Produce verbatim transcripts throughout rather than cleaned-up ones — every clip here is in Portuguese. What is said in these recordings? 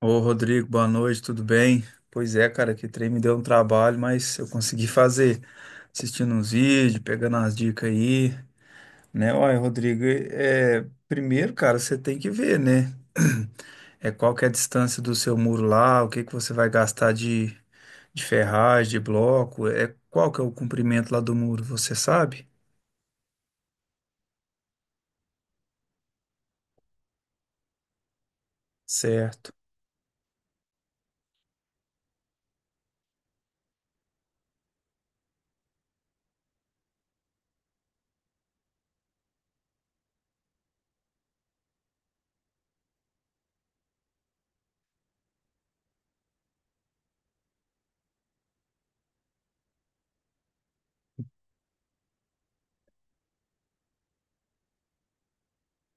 Ô, Rodrigo, boa noite, tudo bem? Pois é, cara, que trem me deu um trabalho, mas eu consegui fazer, assistindo uns vídeos, pegando as dicas aí, né? Olha, Rodrigo, é, primeiro, cara, você tem que ver, né? É qual que é a distância do seu muro lá, o que que você vai gastar de, de ferragem, de bloco, é qual que é o comprimento lá do muro, você sabe? Certo.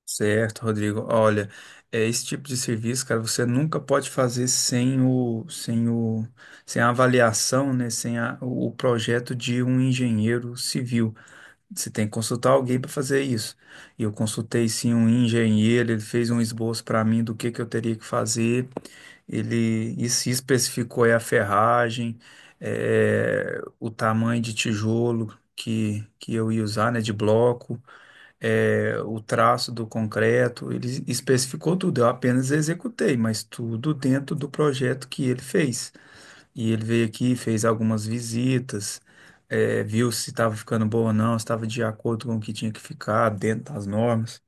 Certo, Rodrigo. Olha, é esse tipo de serviço, cara, você nunca pode fazer sem o, sem o, sem a avaliação, né? Sem a- O projeto de um engenheiro civil. Você tem que consultar alguém para fazer isso. E eu consultei sim um engenheiro, ele fez um esboço para mim do que que eu teria que fazer. Ele e se especificou aí a ferragem, eh, o tamanho de tijolo que, que eu ia usar, né? De bloco é, o traço do concreto, ele especificou tudo, eu apenas executei, mas tudo dentro do projeto que ele fez. E ele veio aqui, fez algumas visitas, é, viu se estava ficando bom ou não, se estava de acordo com o que tinha que ficar, dentro das normas.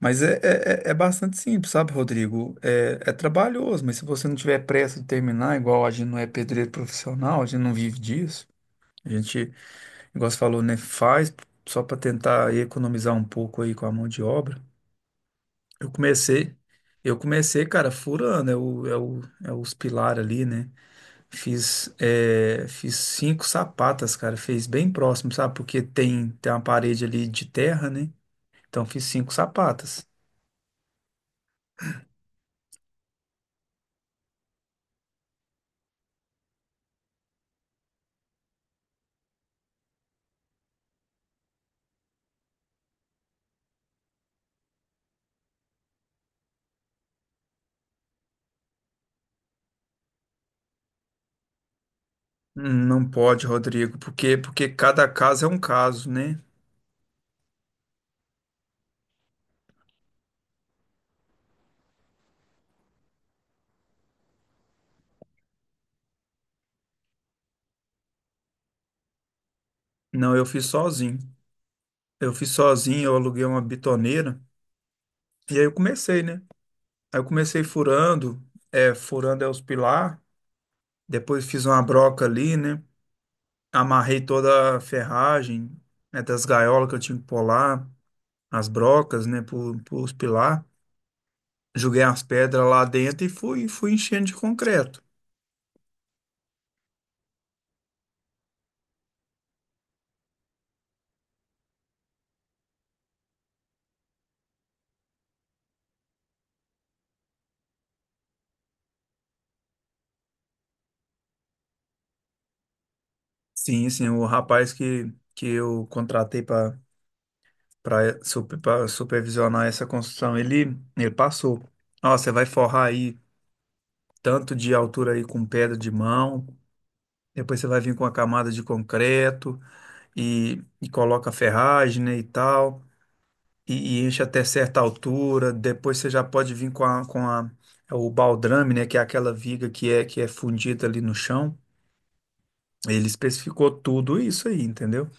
Mas é, é, é é bastante simples, sabe, Rodrigo? É, é trabalhoso, mas se você não tiver pressa de terminar, igual a gente não é pedreiro profissional, a gente não vive disso. A gente, igual você falou, né, faz só para tentar economizar um pouco aí com a mão de obra. Eu comecei, eu comecei, cara, furando, é o, é o, é os pilares ali, né? Fiz, é, fiz cinco sapatas, cara, fez bem próximo, sabe? Porque tem, tem uma parede ali de terra, né? Então fiz cinco sapatas. Hum, Não pode, Rodrigo, porque, porque cada caso é um caso, né? Não, eu fiz sozinho. Eu fiz sozinho, eu aluguei uma bitoneira e aí eu comecei, né? Aí eu comecei furando, é, furando é os pilar, depois fiz uma broca ali, né? Amarrei toda a ferragem, né, das gaiolas que eu tinha que pular, as brocas, né, pro, pros pilar. Joguei as pedras lá dentro e fui, fui enchendo de concreto. Sim, sim, o rapaz que, que eu contratei para para supervisionar essa construção, ele, ele passou. Ó, você vai forrar aí tanto de altura aí com pedra de mão, depois você vai vir com a camada de concreto e, e coloca ferragem, né, e tal. e, e enche até certa altura. Depois você já pode vir com a, com a, é o baldrame, né? Que é aquela viga que é, que é fundida ali no chão. Ele especificou tudo isso aí, entendeu?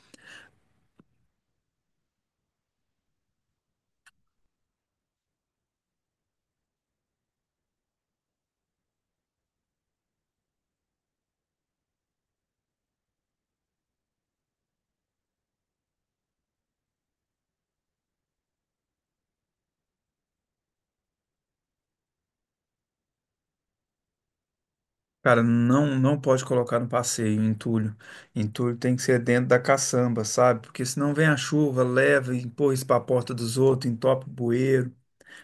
Cara, não, não pode colocar no passeio, entulho. Entulho tem que ser dentro da caçamba, sabe? Porque senão vem a chuva, leva, e empurra isso para a porta dos outros, entope o bueiro,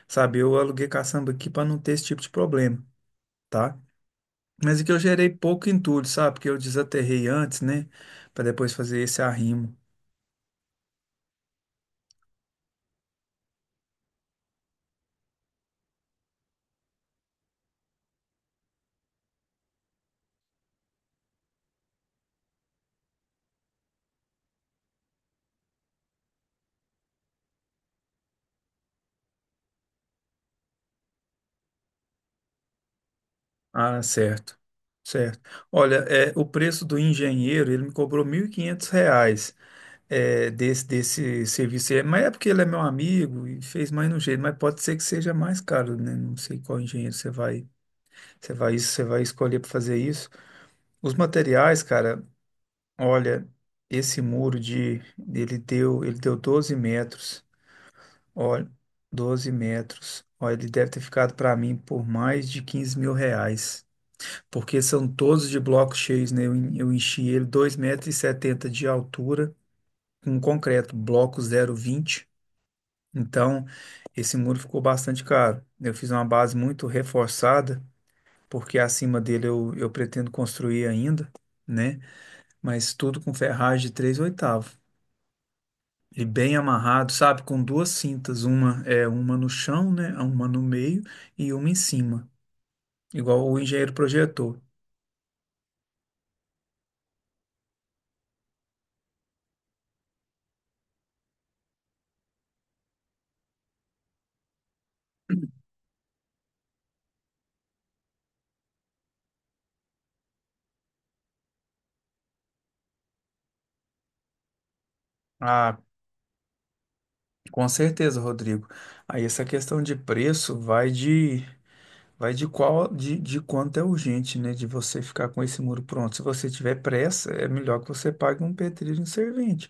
sabe? Eu aluguei caçamba aqui para não ter esse tipo de problema, tá? Mas é que eu gerei pouco entulho, sabe? Porque eu desaterrei antes, né? Para depois fazer esse arrimo. Ah, certo, certo. Olha, é, o preço do engenheiro, ele me cobrou mil e quinhentos reais é, desse, desse serviço aí. Mas é porque ele é meu amigo e fez mais no jeito, mas pode ser que seja mais caro, né? Não sei qual engenheiro você vai, você vai, você vai escolher para fazer isso. Os materiais, cara, olha, esse muro de, ele deu, ele deu doze metros, olha, doze metros. Olha, ele deve ter ficado para mim por mais de quinze mil reais, porque são todos de blocos cheios, né? Eu, en- eu enchi ele dois metros e setenta de altura, com concreto, bloco zero vírgula vinte. Então, esse muro ficou bastante caro. Eu fiz uma base muito reforçada, porque acima dele eu, eu pretendo construir ainda, né? Mas tudo com ferragem de três oitavos. E bem amarrado, sabe? Com duas cintas, uma é uma no chão, né? Uma no meio e uma em cima, igual o engenheiro projetou. A Com certeza, Rodrigo. Aí essa questão de preço vai de vai de qual de, de quanto é urgente, né? De você ficar com esse muro pronto. Se você tiver pressa, é melhor que você pague um pedreiro em servente.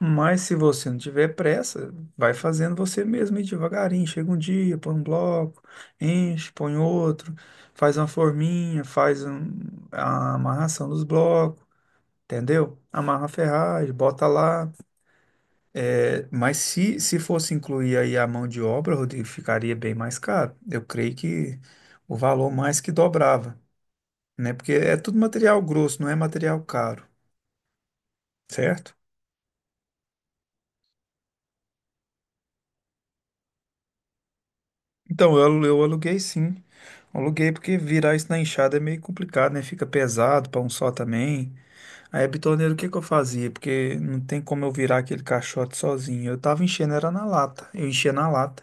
Mas se você não tiver pressa, vai fazendo você mesmo e devagarinho. Chega um dia, põe um bloco, enche, põe outro, faz uma forminha, faz um- a amarração dos blocos, entendeu? Amarra a ferragem, bota lá. É, mas se, se fosse incluir aí a mão de obra, Rodrigo, ficaria bem mais caro. Eu creio que o valor mais que dobrava, né? Porque é tudo material grosso, não é material caro, certo? Então, eu, alu- eu aluguei sim. Aluguei porque virar isso na enxada é meio complicado, né? Fica pesado para um só também. Aí, a o que que eu fazia? Porque não tem como eu virar aquele caixote sozinho. Eu tava enchendo, era na lata. Eu enchia na lata.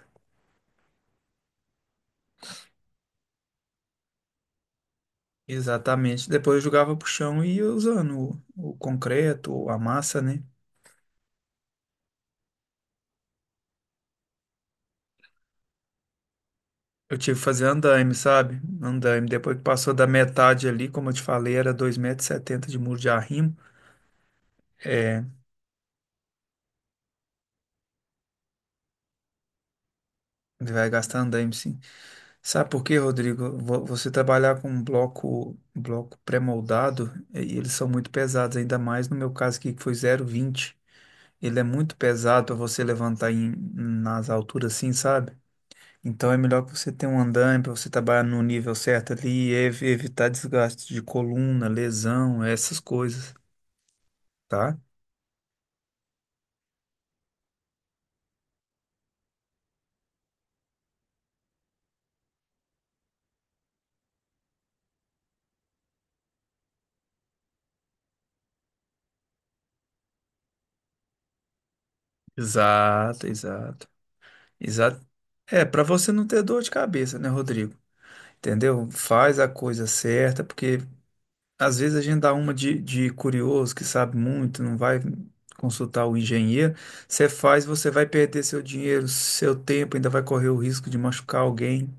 Exatamente. Depois eu jogava pro chão e ia usando o, o concreto, a massa, né? Eu tive que fazer andaime, sabe? Andaime. Depois que passou da metade ali, como eu te falei, era 2,70 setenta de muro de arrimo. É, vai gastar andaime, sim. Sabe por quê, Rodrigo? Vo- Você trabalhar com um bloco, um bloco pré-moldado, e eles são muito pesados, ainda mais no meu caso aqui, que foi zero vírgula vinte. Ele é muito pesado para você levantar em, nas alturas assim, sabe? Então é melhor que você tenha um andaime para você trabalhar no nível certo ali ev- evitar desgaste de coluna, lesão, essas coisas, tá? Exato, exato. Exato. É, para você não ter dor de cabeça, né, Rodrigo? Entendeu? Faz a coisa certa, porque às vezes a gente dá uma de, de curioso que sabe muito, não vai consultar o engenheiro. Você faz, você vai perder seu dinheiro, seu tempo, ainda vai correr o risco de machucar alguém,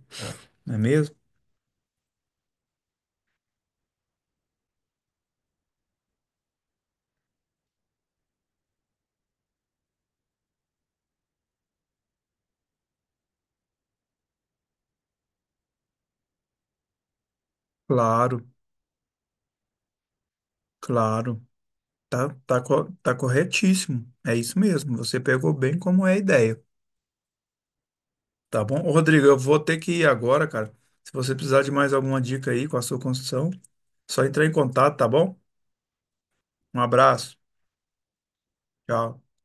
não é mesmo? Claro, claro. Tá, tá, co- tá corretíssimo. É isso mesmo. Você pegou bem como é a ideia. Tá bom? Ô, Rodrigo, eu vou ter que ir agora, cara. Se você precisar de mais alguma dica aí com a sua construção, só entrar em contato, tá bom? Um abraço. Tchau.